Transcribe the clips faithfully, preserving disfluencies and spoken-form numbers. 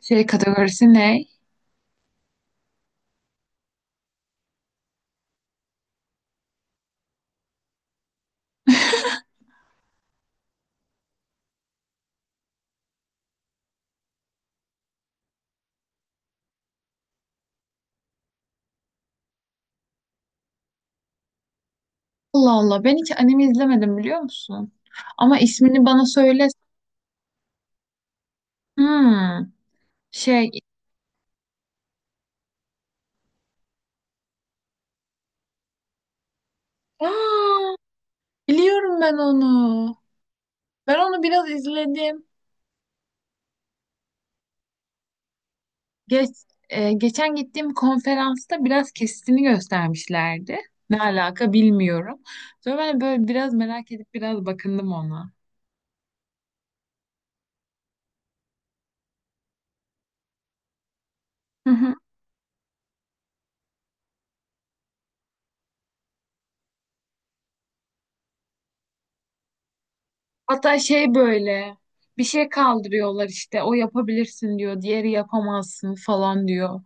Şey kategorisi ne? Allah Allah, ben hiç anime izlemedim, biliyor musun? Ama ismini bana söyle. Hmm, şey. Aa, biliyorum ben onu. Ben onu biraz izledim. Geç, e, Geçen gittiğim konferansta biraz kesitini göstermişlerdi. Ne alaka bilmiyorum. Sonra ben böyle biraz merak edip biraz bakındım ona. Hı hı. Hatta şey böyle bir şey kaldırıyorlar, işte o yapabilirsin diyor, diğeri yapamazsın falan diyor.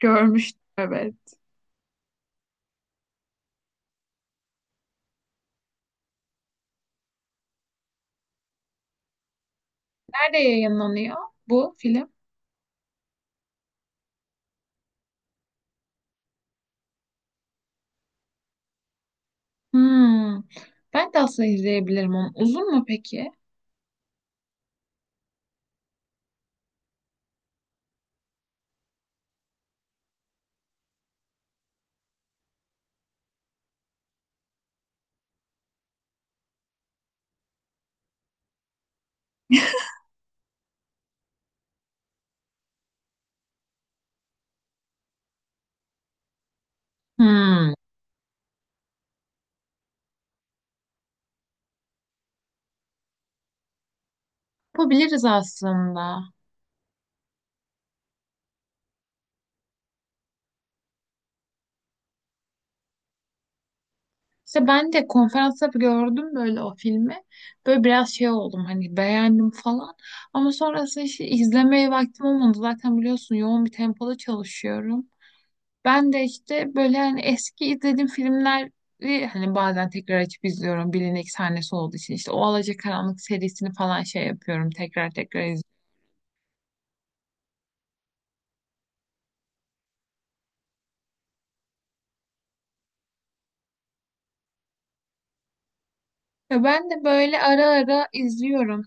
Görmüştüm, evet. Nerede yayınlanıyor bu film? Hmm. Ben de aslında izleyebilirim onu. Uzun mu peki? Hmm. Yapabiliriz aslında. İşte ben de konferansta gördüm böyle o filmi. Böyle biraz şey oldum, hani beğendim falan. Ama sonrasında işte izlemeye vaktim olmadı. Zaten biliyorsun, yoğun bir tempoda çalışıyorum. Ben de işte böyle hani eski izlediğim filmleri hani bazen tekrar açıp izliyorum, bilinek sahnesi olduğu için işte o Alacakaranlık serisini falan şey yapıyorum, tekrar tekrar izliyorum. Ya ben de böyle ara ara izliyorum.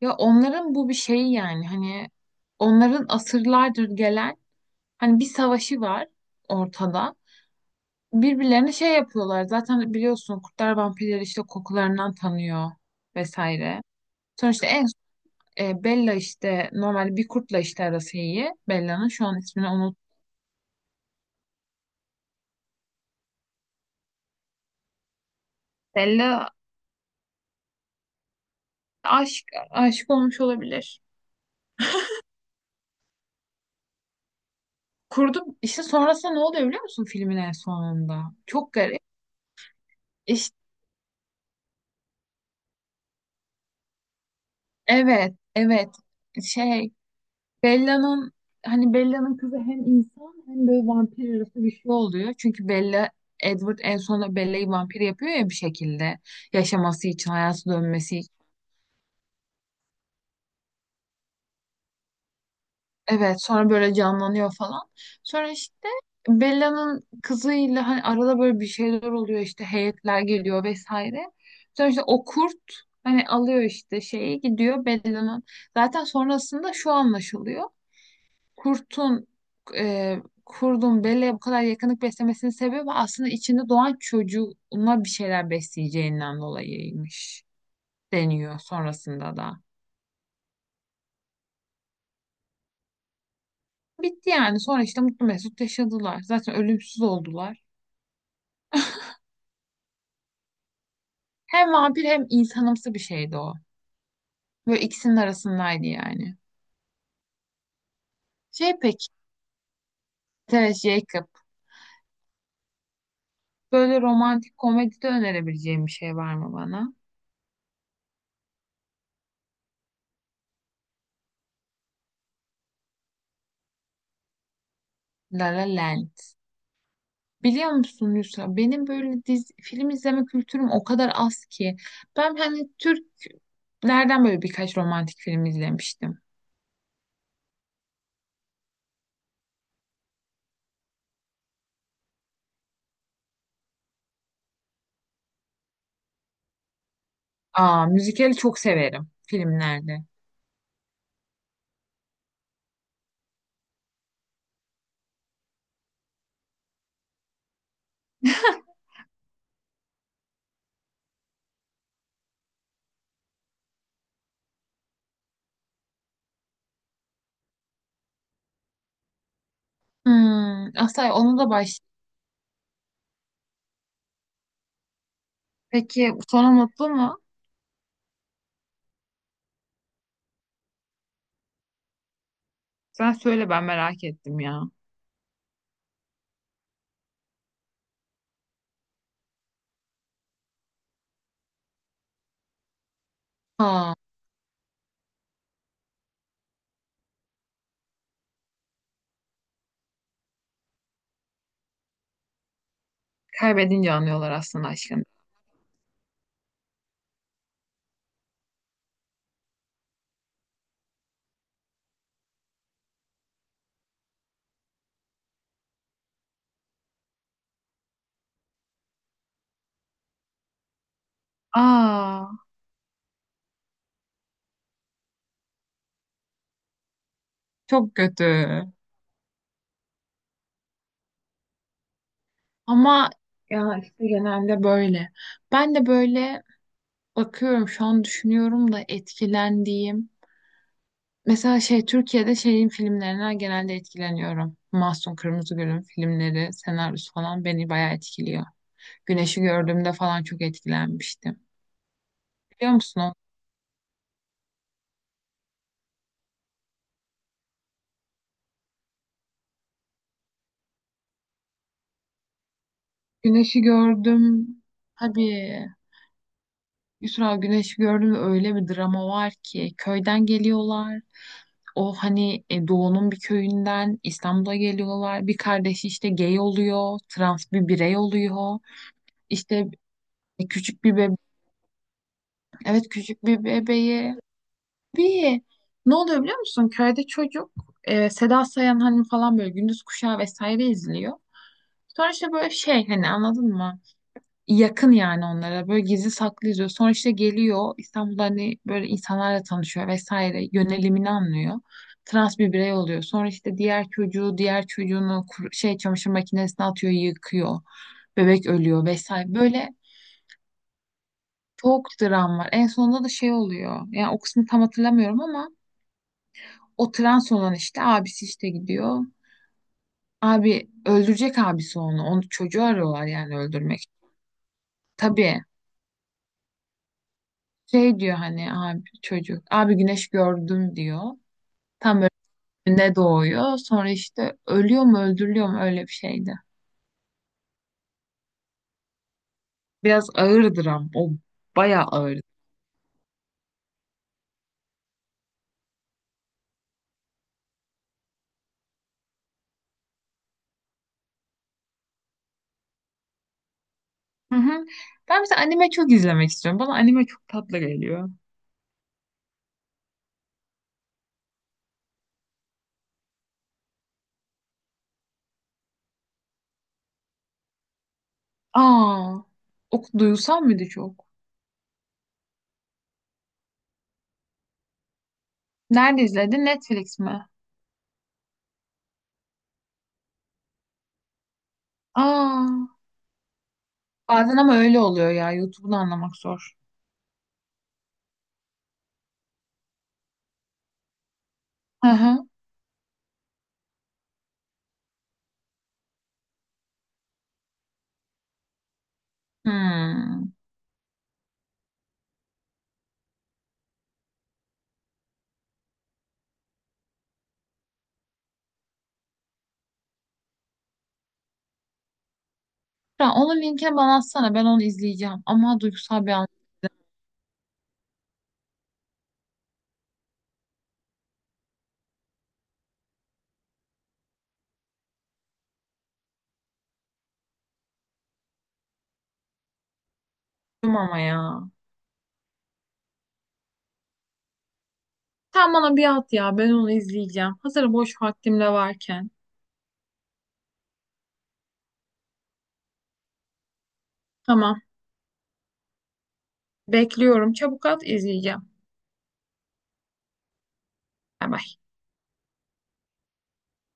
Ya onların bu bir şeyi, yani hani onların asırlardır gelen hani bir savaşı var ortada. Birbirlerine şey yapıyorlar, zaten biliyorsun, kurtlar vampirleri işte kokularından tanıyor vesaire. Sonuçta en E, Bella işte normal bir kurtla işte arası iyi. Bella'nın şu an ismini unut. Bella, aşk aşık olmuş olabilir. Kurdu işte sonrasında ne oluyor biliyor musun filmin en sonunda? Çok garip. İşte evet, evet, şey, Bella'nın, hani Bella'nın kızı hem insan hem böyle vampir arası bir şey oluyor. Çünkü Bella Edward en sonunda Bella'yı vampir yapıyor ya bir şekilde, yaşaması için, hayatı dönmesi. Evet sonra böyle canlanıyor falan. Sonra işte Bella'nın kızıyla hani arada böyle bir şeyler oluyor, işte heyetler geliyor vesaire. Sonra işte o kurt hani alıyor işte şeyi, gidiyor Bella'nın. Zaten sonrasında şu anlaşılıyor. Kurtun e, Kurdun Bella'ya bu kadar yakınlık beslemesinin sebebi aslında içinde doğan çocuğuna bir şeyler besleyeceğinden dolayıymış, deniyor sonrasında da. Bitti yani, sonra işte mutlu mesut yaşadılar. Zaten ölümsüz oldular. Hem vampir hem insanımsı bir şeydi o. Böyle ikisinin arasındaydı yani. Şey peki, Tess Jacob. Böyle romantik komedide önerebileceğim bir şey var mı bana? La La Land. Biliyor musun Yusra, benim böyle dizi, film izleme kültürüm o kadar az ki. Ben hani Türklerden böyle birkaç romantik film izlemiştim. Aa, müzikali çok severim filmlerde. Hmm, Asay onu da baş... Peki sonu mutlu mu? Sen söyle, ben merak ettim ya. Aa, kaybedince anlıyorlar aslında aşkını. Aa, çok kötü. Ama ya işte genelde böyle. Ben de böyle bakıyorum şu an, düşünüyorum da etkilendiğim. Mesela şey, Türkiye'de şeyin filmlerinden genelde etkileniyorum. Mahsun Kırmızıgül'ün filmleri, senaryosu falan beni bayağı etkiliyor. Güneşi gördüğümde falan çok etkilenmiştim. Biliyor musun? O? Güneşi gördüm. Tabii. Yusra, Güneş gördüm ve öyle bir drama var ki, köyden geliyorlar. O hani e, doğunun bir köyünden İstanbul'a geliyorlar. Bir kardeşi işte gay oluyor, trans bir birey oluyor. İşte e, küçük bir bebe evet, küçük bir bebeği. Bir ne oluyor biliyor musun? Köyde çocuk e, Seda Sayan hani falan böyle gündüz kuşağı vesaire izliyor. Sonra işte böyle şey, hani anladın mı? Yakın yani onlara, böyle gizli saklı izliyor. Sonra işte geliyor, İstanbul'da hani böyle insanlarla tanışıyor vesaire, yönelimini anlıyor. Trans bir birey oluyor. Sonra işte diğer çocuğu, diğer çocuğunu kur- şey çamaşır makinesine atıyor yıkıyor. Bebek ölüyor vesaire. Böyle çok dram var. En sonunda da şey oluyor. Yani o kısmı tam hatırlamıyorum ama o trans olan işte abisi işte gidiyor. Abi öldürecek, abisi onu. Onu, çocuğu arıyorlar yani öldürmek. Tabii. Şey diyor hani, abi çocuk. Abi güneş gördüm diyor. Tam böyle doğuyor. Sonra işte ölüyor mu öldürülüyor mu, öyle bir şeydi. Biraz ağırdır ama o bayağı ağır. Hı hı. Ben mesela anime çok izlemek istiyorum. Bana anime çok tatlı geliyor. Aa, o duysal mıydı çok? Nerede izledin? Netflix mi? Aa, bazen ama öyle oluyor ya. YouTube'unu anlamak zor. Hı hı. Hmm. Ya onun linkini bana atsana. Ben onu izleyeceğim. Ama duygusal bir anlattım ama ya. Sen bana bir at ya, ben onu izleyeceğim. Hazır boş vaktim de varken. Tamam, bekliyorum, çabuk at izleyeceğim. Bay bay.